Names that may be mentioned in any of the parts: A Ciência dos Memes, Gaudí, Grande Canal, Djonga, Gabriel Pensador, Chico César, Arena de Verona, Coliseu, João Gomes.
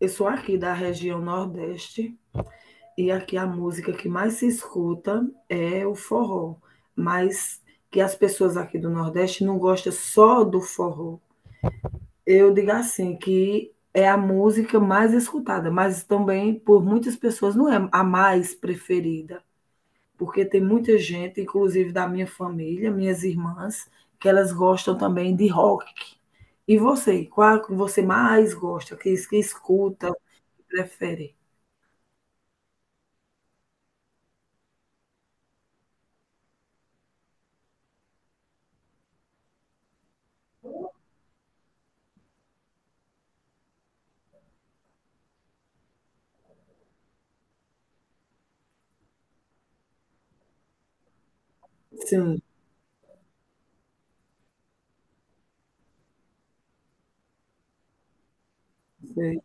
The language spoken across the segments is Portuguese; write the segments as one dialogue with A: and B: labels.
A: Eu sou aqui da região Nordeste e aqui a música que mais se escuta é o forró, mas que as pessoas aqui do Nordeste não gostam só do forró. Eu digo assim, que é a música mais escutada, mas também por muitas pessoas não é a mais preferida, porque tem muita gente, inclusive da minha família, minhas irmãs, que elas gostam também de rock. E você, qual que você mais gosta, que escuta, que prefere? Sim. Sei.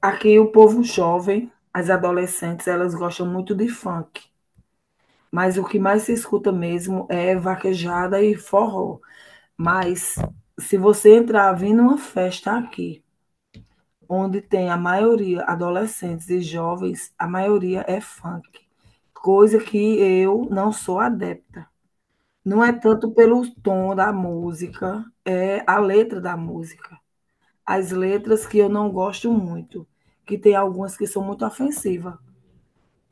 A: Aqui o povo jovem, as adolescentes, elas gostam muito de funk, mas o que mais se escuta mesmo é vaquejada e forró. Mas se você entrar vir numa festa aqui, onde tem a maioria adolescentes e jovens, a maioria é funk, coisa que eu não sou adepta. Não é tanto pelo tom da música, é a letra da música. As letras que eu não gosto muito, que tem algumas que são muito ofensivas.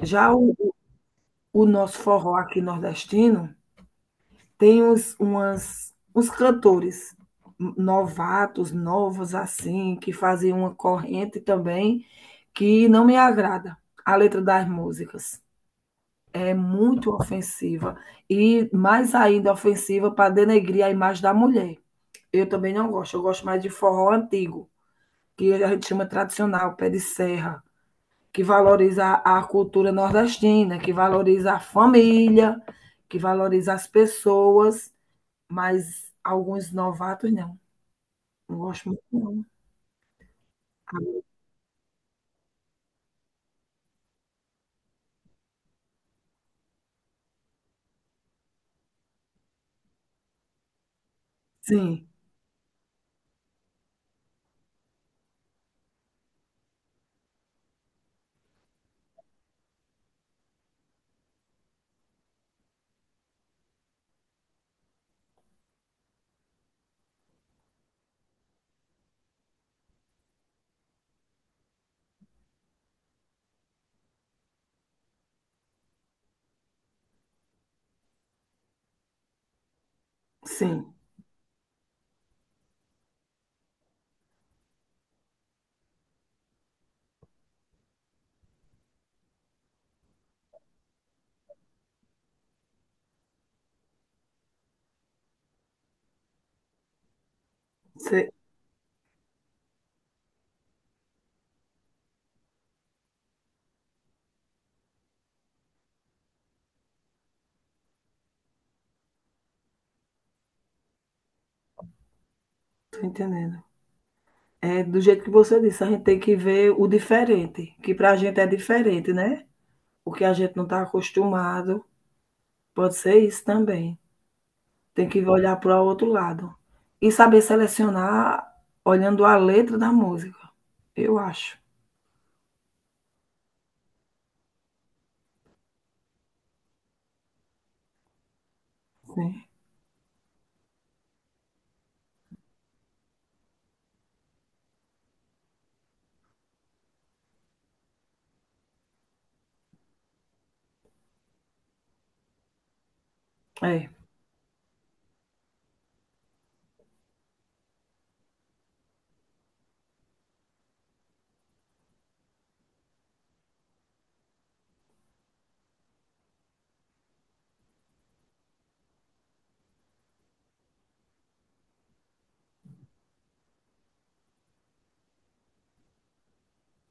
A: Já o nosso forró aqui nordestino tem uns, umas, uns cantores novatos, novos assim, que fazem uma corrente também que não me agrada. A letra das músicas é muito ofensiva e mais ainda ofensiva para denegrir a imagem da mulher. Eu também não gosto, eu gosto mais de forró antigo, que a gente chama tradicional, pé de serra, que valoriza a cultura nordestina, que valoriza a família, que valoriza as pessoas, mas alguns novatos não. Não gosto muito, não. Sim, sim. Você tá entendendo. É do jeito que você disse, a gente tem que ver o diferente, que para a gente é diferente, né? O que a gente não está acostumado. Pode ser isso também. Tem que olhar para o outro lado. E saber selecionar olhando a letra da música. Eu acho. Sim. É.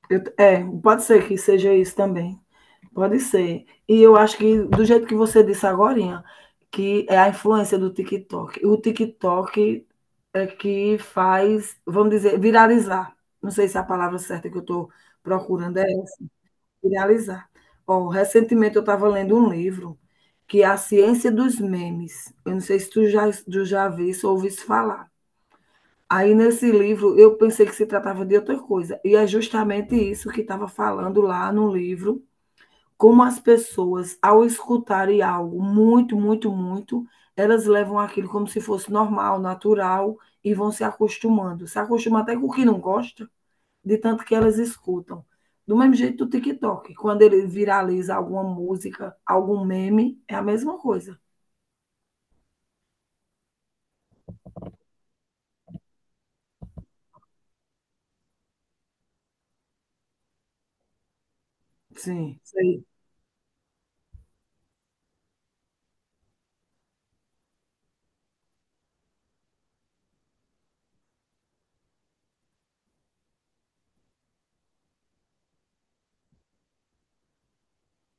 A: Pode ser que seja isso também. Pode ser. E eu acho que, do jeito que você disse agora, que é a influência do TikTok. O TikTok é que faz, vamos dizer, viralizar. Não sei se é a palavra certa que eu estou procurando é essa, viralizar. Ó, recentemente eu estava lendo um livro que é A Ciência dos Memes. Eu não sei se tu já viste ou ouviste falar. Aí nesse livro eu pensei que se tratava de outra coisa, e é justamente isso que estava falando lá no livro, como as pessoas, ao escutarem algo muito, elas levam aquilo como se fosse normal, natural, e vão se acostumando. Se acostumam até com o que não gosta, de tanto que elas escutam. Do mesmo jeito do TikTok, quando ele viraliza alguma música, algum meme, é a mesma coisa. Sim, sei.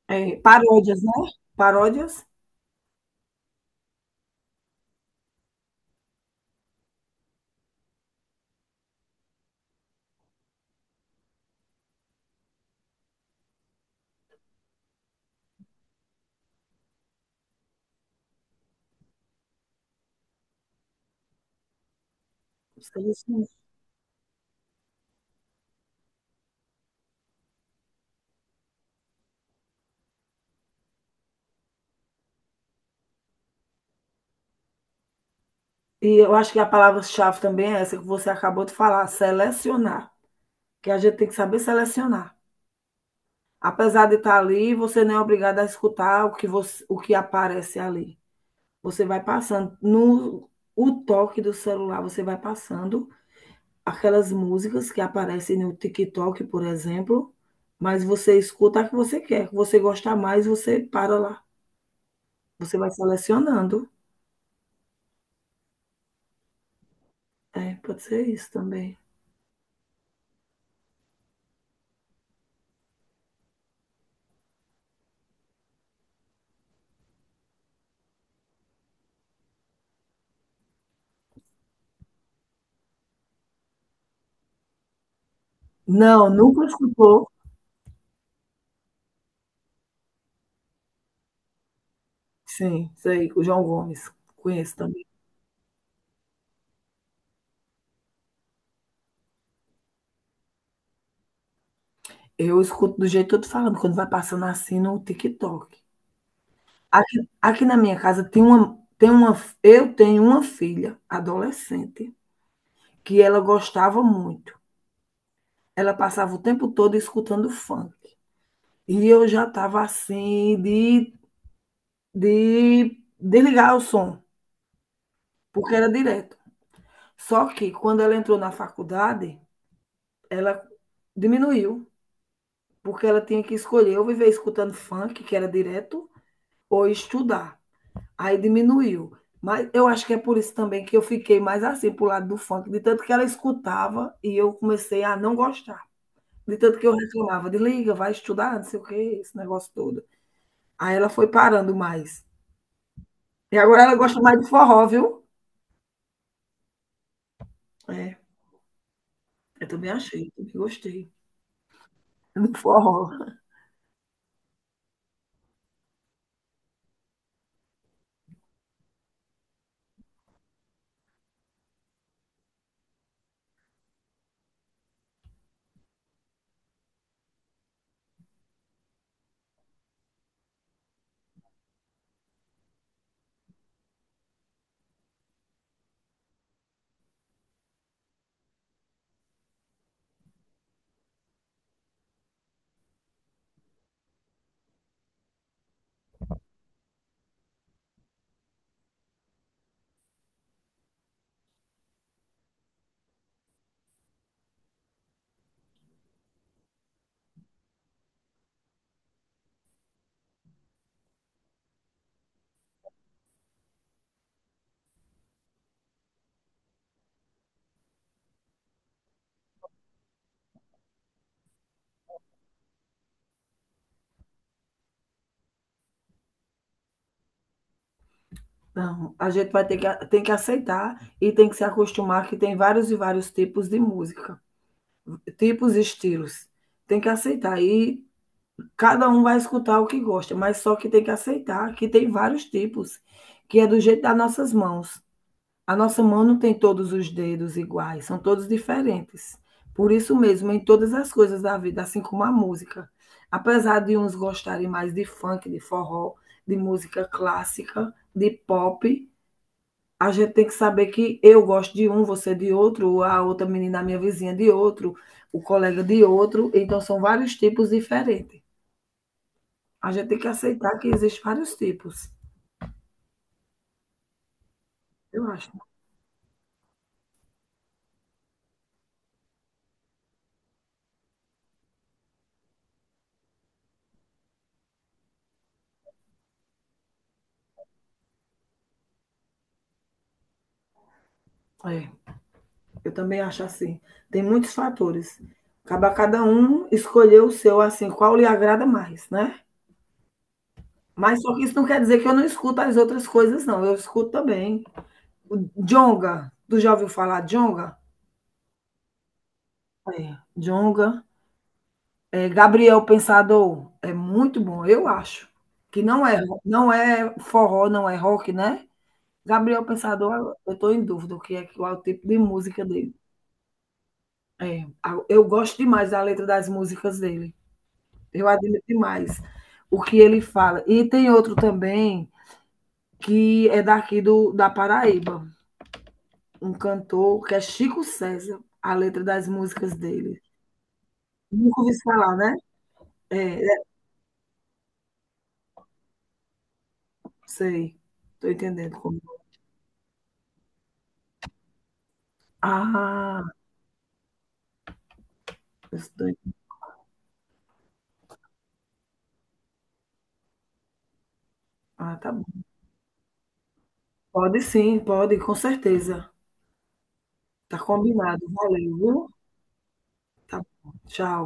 A: É, paródias, né? Paródias? Sei se- E eu acho que a palavra-chave também é essa que você acabou de falar, selecionar. Que a gente tem que saber selecionar. Apesar de estar ali, você não é obrigado a escutar o que você, o que aparece ali. Você vai passando no o toque do celular, você vai passando aquelas músicas que aparecem no TikTok, por exemplo, mas você escuta a que você quer, que você gosta mais, você para lá. Você vai selecionando. É, pode ser isso também. Não, nunca escutou. Sim, sei, o João Gomes, conheço também. Eu escuto do jeito que eu tô falando, quando vai passando assim no TikTok. Aqui na minha casa eu tenho uma filha adolescente que ela gostava muito. Ela passava o tempo todo escutando funk. E eu já estava assim de desligar o som, porque era direto. Só que quando ela entrou na faculdade, ela diminuiu, porque ela tinha que escolher ou viver escutando funk, que era direto, ou estudar. Aí diminuiu. Mas eu acho que é por isso também que eu fiquei mais assim, pro lado do funk, de tanto que ela escutava e eu comecei a não gostar. De tanto que eu reclamava, desliga, vai estudar, não sei o que, esse negócio todo. Aí ela foi parando mais. E agora ela gosta mais de forró, viu? É, eu também achei, também gostei do forró. Não, a gente vai ter que, tem que aceitar e tem que se acostumar que tem vários e vários tipos de música, tipos e estilos. Tem que aceitar e cada um vai escutar o que gosta, mas só que tem que aceitar que tem vários tipos, que é do jeito das nossas mãos. A nossa mão não tem todos os dedos iguais, são todos diferentes. Por isso mesmo, em todas as coisas da vida, assim como a música. Apesar de uns gostarem mais de funk, de forró, de música clássica, de pop, a gente tem que saber que eu gosto de um, você de outro, a outra menina, a minha vizinha de outro, o colega de outro. Então, são vários tipos diferentes. A gente tem que aceitar que existem vários tipos. Eu acho. É, eu também acho assim. Tem muitos fatores. Acaba cada um escolher o seu, assim, qual lhe agrada mais, né? Mas só que isso não quer dizer que eu não escuto as outras coisas, não. Eu escuto também. O Djonga, tu já ouviu falar Djonga? É, Djonga. É, Gabriel Pensador, é muito bom, eu acho. Que não é, não é forró, não é rock, né? Gabriel Pensador, eu estou em dúvida o que é qual é o tipo de música dele. Eu gosto demais da letra das músicas dele. Eu admiro demais o que ele fala. E tem outro também que é daqui do, da Paraíba, um cantor que é Chico César, a letra das músicas dele. Nunca ouvi falar, né? É, é, sei. Estou entendendo como. Ah, eu estou ent- ah, tá bom. Pode sim, pode, com certeza. Tá combinado. Valeu, viu? Tá bom. Tchau.